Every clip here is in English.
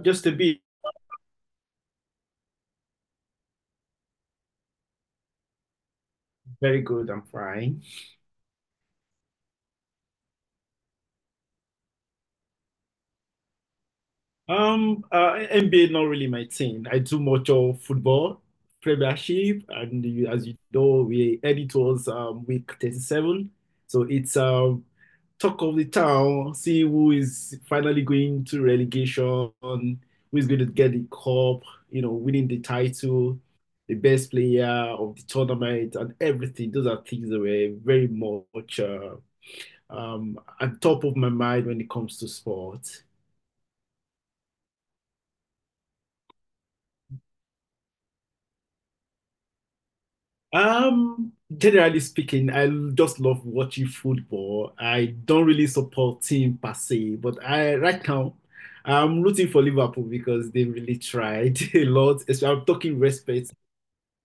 Just a bit. Very good. I'm fine. NBA not really my thing. I do much of football, premiership, and as you know, we editors week 37. So it's talk of the town, see who is finally going to relegation, who is going to get the cup, you know, winning the title, the best player of the tournament, and everything. Those are things that were very much at top of my mind when it comes to sport. Generally speaking, I just love watching football. I don't really support team per se, but I right now I'm rooting for Liverpool because they really tried a lot. I'm talking respect,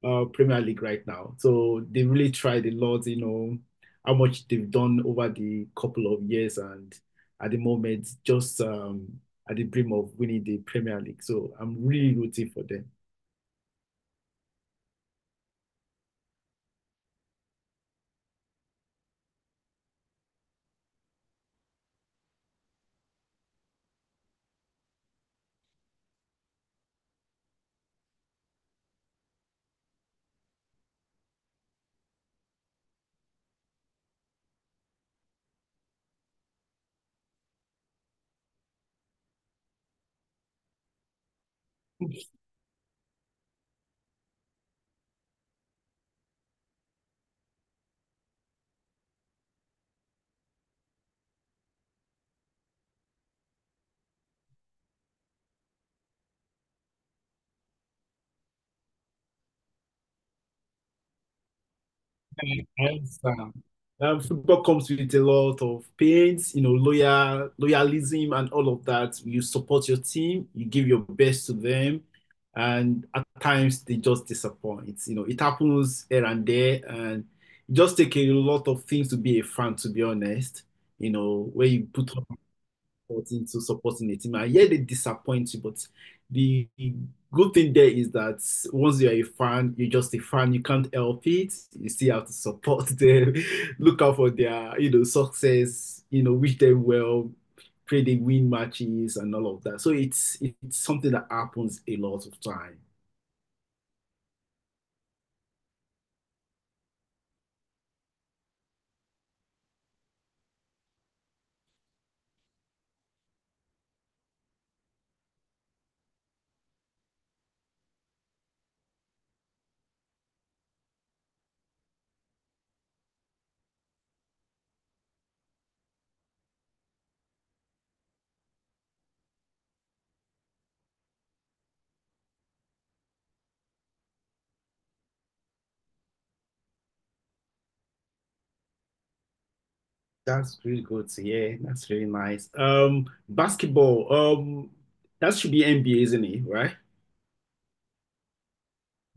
Premier League right now. So they really tried a lot, you know, how much they've done over the couple of years and at the moment just at the brim of winning the Premier League. So I'm really rooting for them. I understand. Football comes with a lot of pains, you know, loyalism and all of that. You support your team, you give your best to them, and at times they just disappoint. You know, it happens here and there, and it just take a lot of things to be a fan, to be honest. You know, where you put into supporting the team. I hear they disappoint you, but the good thing there is that once you're a fan, you're just a fan. You can't help it. You still have to support them, look out for their, you know, success, you know, wish them well, pray they win matches and all of that. So it's something that happens a lot of time. That's really good to hear. That's really nice. Basketball. That should be NBA, isn't it? Right?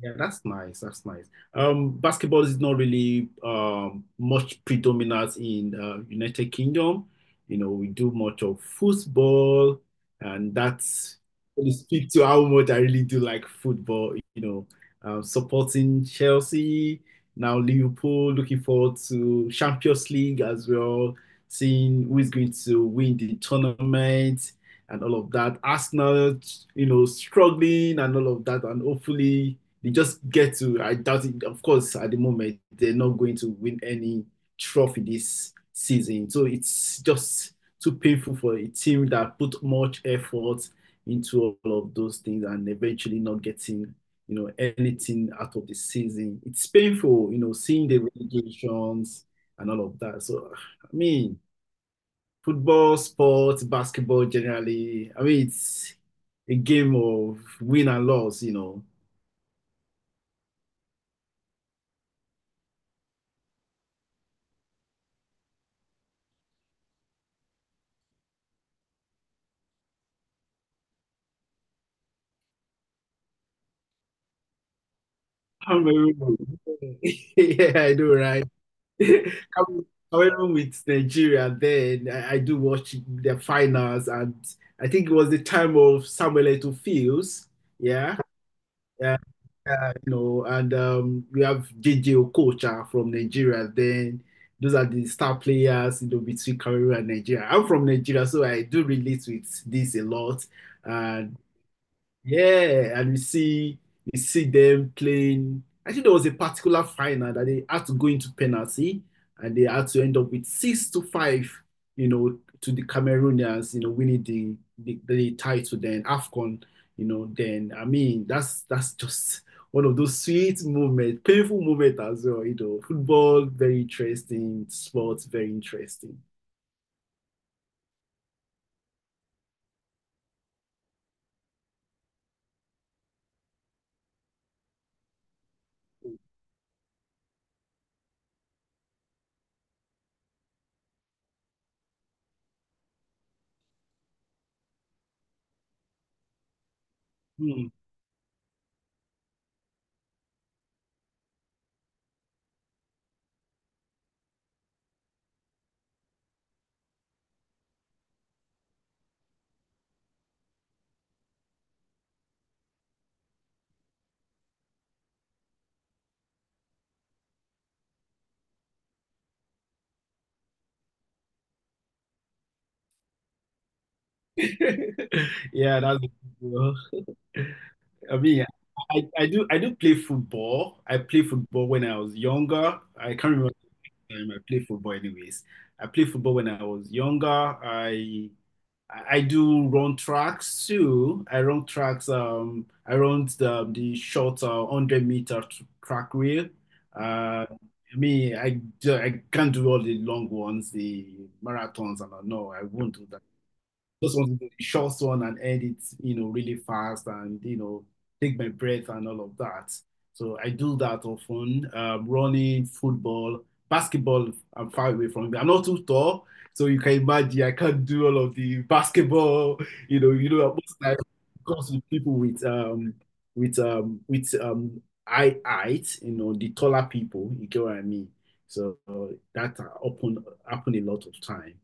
Yeah, that's nice. That's nice. Basketball is not really much predominant in United Kingdom. You know, we do much of football, and that's really speak to how much I really do like football. You know, supporting Chelsea now Liverpool. Looking forward to Champions League as well. Seeing who is going to win the tournament and all of that. Arsenal, you know, struggling and all of that, and hopefully. They just get to, I doubt it. Of course, at the moment, they're not going to win any trophy this season. So it's just too painful for a team that put much effort into all of those things and eventually not getting, you know, anything out of the season. It's painful, you know, seeing the relegations and all of that. So, I mean, football, sports, basketball generally, I mean, it's a game of win and loss, you know. Cameroon. Yeah, I know, right? Cam- Cameroon with Nigeria then. I do watch the finals and I think it was the time of Samuel Eto'o Fields. Yeah. Yeah, you know, and we have JJ Okocha from Nigeria. Then those are the star players, you know, between Cameroon and Nigeria. I'm from Nigeria, so I do relate with this a lot. Yeah, and you see them playing. I think there was a particular final that they had to go into penalty and they had to end up with 6-5, you know, to the Cameroonians, you know, winning the title then AFCON, you know, then I mean that's just one of those sweet moments, painful moments as well, you know. Football, very interesting, sports, very interesting. Hmm. Yeah, that's I mean, I do play football. I played football when I was younger. I can't remember the time I played football anyways. I played football when I was younger. I do run tracks too. I run tracks. I run the short 100 meter track wheel. I mean, I can't do all the long ones, the marathons, and all. No, I won't do just want to do the short one and edit, you know, really fast and, you know, take my breath and all of that. So I do that often. Running, football, basketball, I'm far away from it. I'm not too tall. So you can imagine I can't do all of the basketball, you know, most times it comes with people with eye height, you know, the taller people, you get what I mean? So that happen happen a lot of time.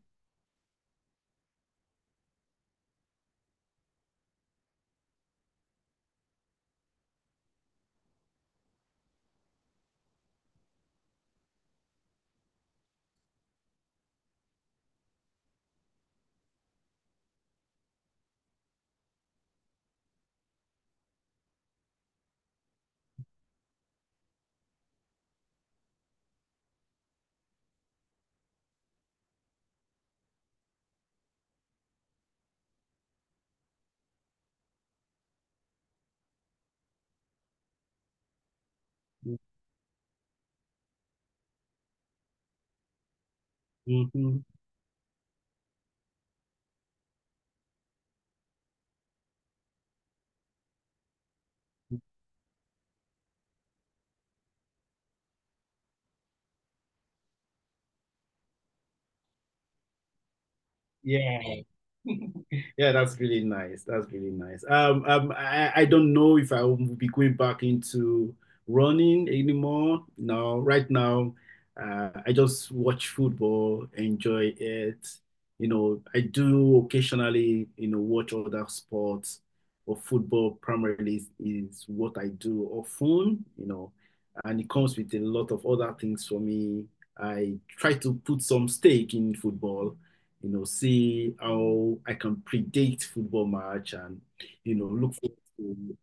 Mhm. Yeah. Yeah, that's really nice. That's really nice. I don't know if I will be going back into running anymore. No, right now, I just watch football, enjoy it. You know, I do occasionally, you know, watch other sports, but football primarily is what I do often, you know, and it comes with a lot of other things for me. I try to put some stake in football you know, see how I can predict football match and, you know, look for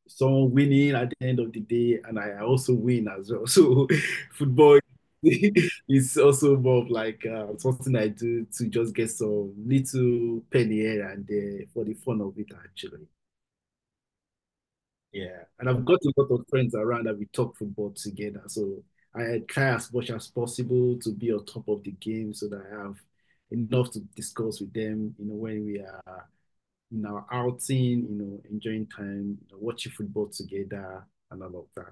someone winning at the end of the day. And I also win as well. So football is also more of like something I do to just get some little penny here and there for the fun of it, actually. Yeah, and I've got a lot of friends around that we talk football together. So I try as much as possible to be on top of the game so that I have enough to discuss with them, you know, when we are in our outing, you know, enjoying time, you know, watching football together and all of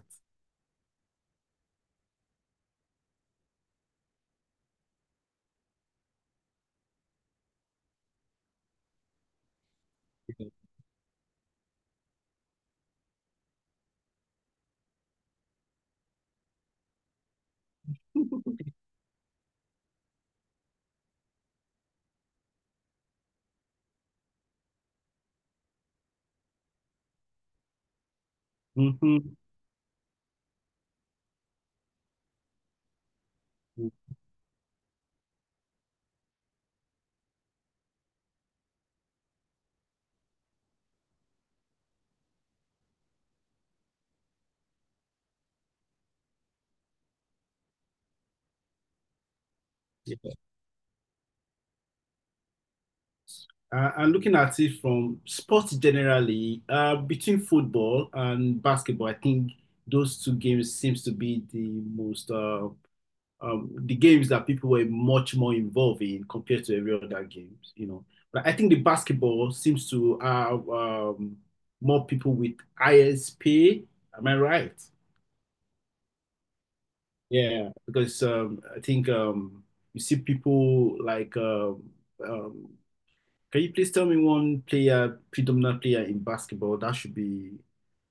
that. Hmm. Yeah. And looking at it from sports generally, between football and basketball, I think those two games seems to be the most the games that people were much more involved in compared to every other games, you know. But I think the basketball seems to have more people with ISP. Am I right? Yeah, because I think you see people like. Um, can you please tell me one player, predominant player in basketball? That should be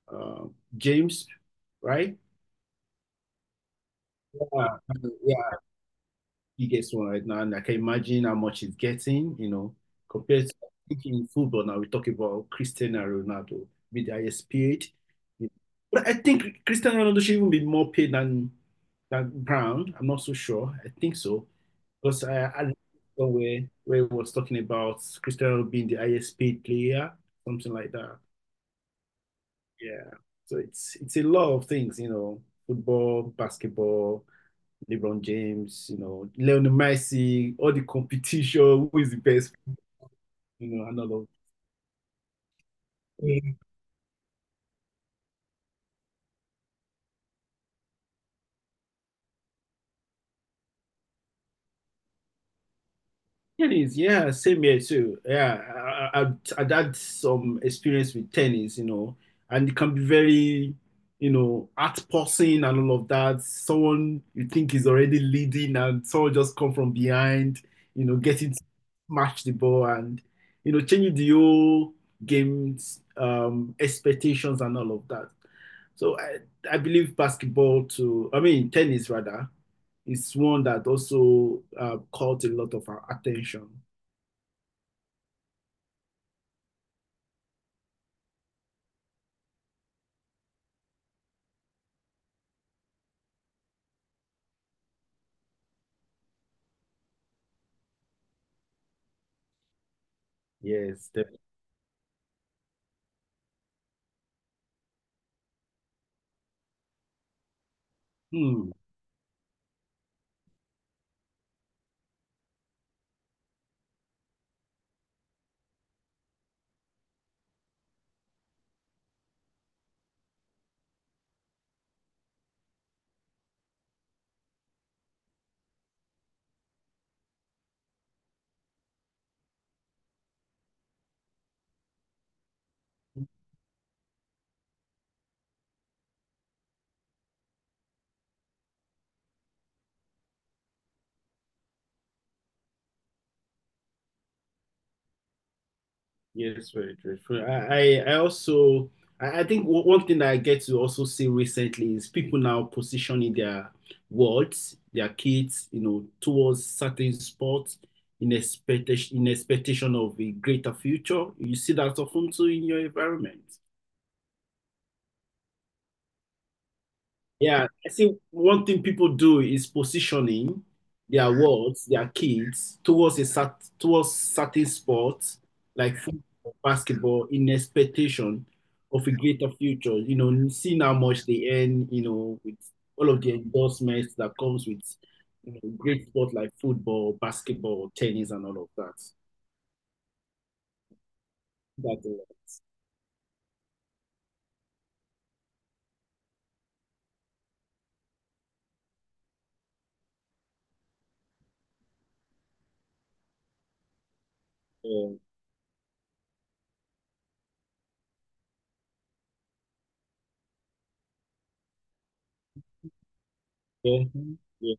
uh, James, right? Yeah. Biggest one right now, and I can imagine how much he's getting, you know, compared to thinking in football now, we talk about Cristiano Ronaldo with the highest paid. But I think Cristiano Ronaldo should even be more paid than Brown. I'm not so sure. I think so. Because I read somewhere where it was talking about Cristiano being the highest paid player, something like that. Yeah. So it's a lot of things, you know, football, basketball, LeBron James, you know, Lionel Messi, all the competition, who is the best, you know, and all of Tennis, yeah, same here too. Yeah, I, I, I I'd had some experience with tennis, you know, and it can be very, you know, heart-pulsing and all of that. Someone you think is already leading and someone just come from behind, you know, getting to smash the ball and, you know, changing the whole game's expectations and all of that. So I believe basketball to, I mean, tennis rather. It's one that also caught a lot of our attention. Yes, definitely. Hmm. Yes, very true. True. I also I think one thing that I get to also see recently is people now positioning their words, their kids, you know, towards certain sports in expectation of a greater future. You see that often too in your environment. Yeah, I think one thing people do is positioning their words, their kids towards a cert towards certain sports like football, basketball in expectation of a greater future. You know, seeing how much they earn, you know, with all of the endorsements that comes with you know, great sport like football, basketball, tennis, and all of that. That uh, uh, yeah, yeah,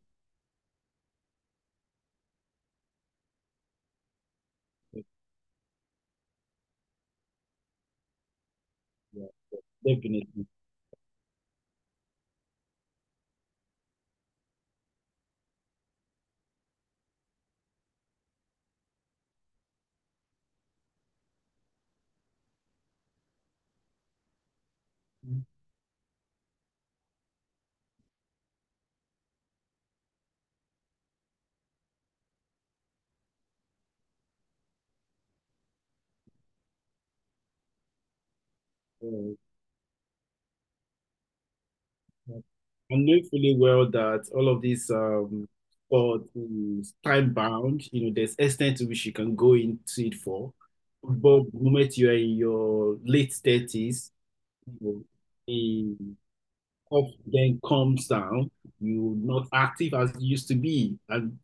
yeah, definitely. Yeah. I know fully well that all of these sport is time bound. You know, there's extent to which you can go into it for. But the moment you are in your late 30s, you know, the up then comes down. You're not active as you used to be, and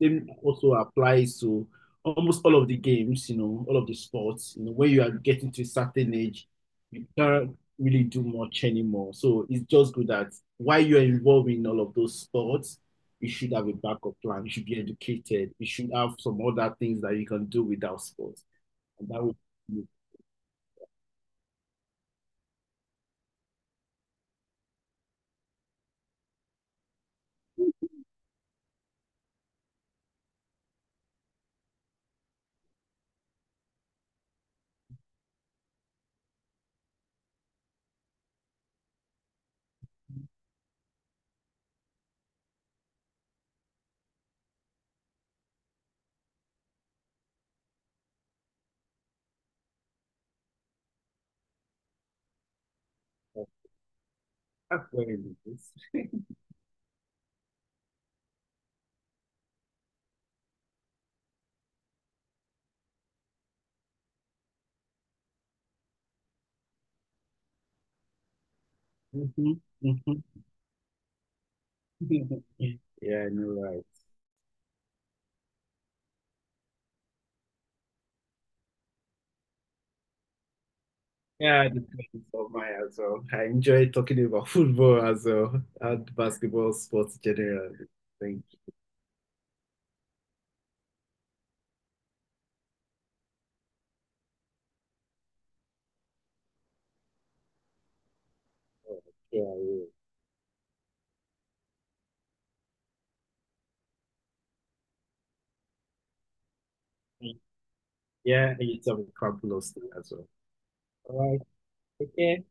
same also applies to almost all of the games, you know, all of the sports. You know, when you are getting to a certain age, you can't really do much anymore. So it's just good that while you're involved in all of those sports, you should have a backup plan. You should be educated. You should have some other things that you can do without sports. And that would be That's very nice. Mm-hmm, mm-hmm. Yeah, I know, right. Yeah, I discussed it on my as well. I enjoy talking about football as well and basketball sports generally. Thank you. Yeah, yeah, yeah, it's a fabulous thing as well. All right, okay.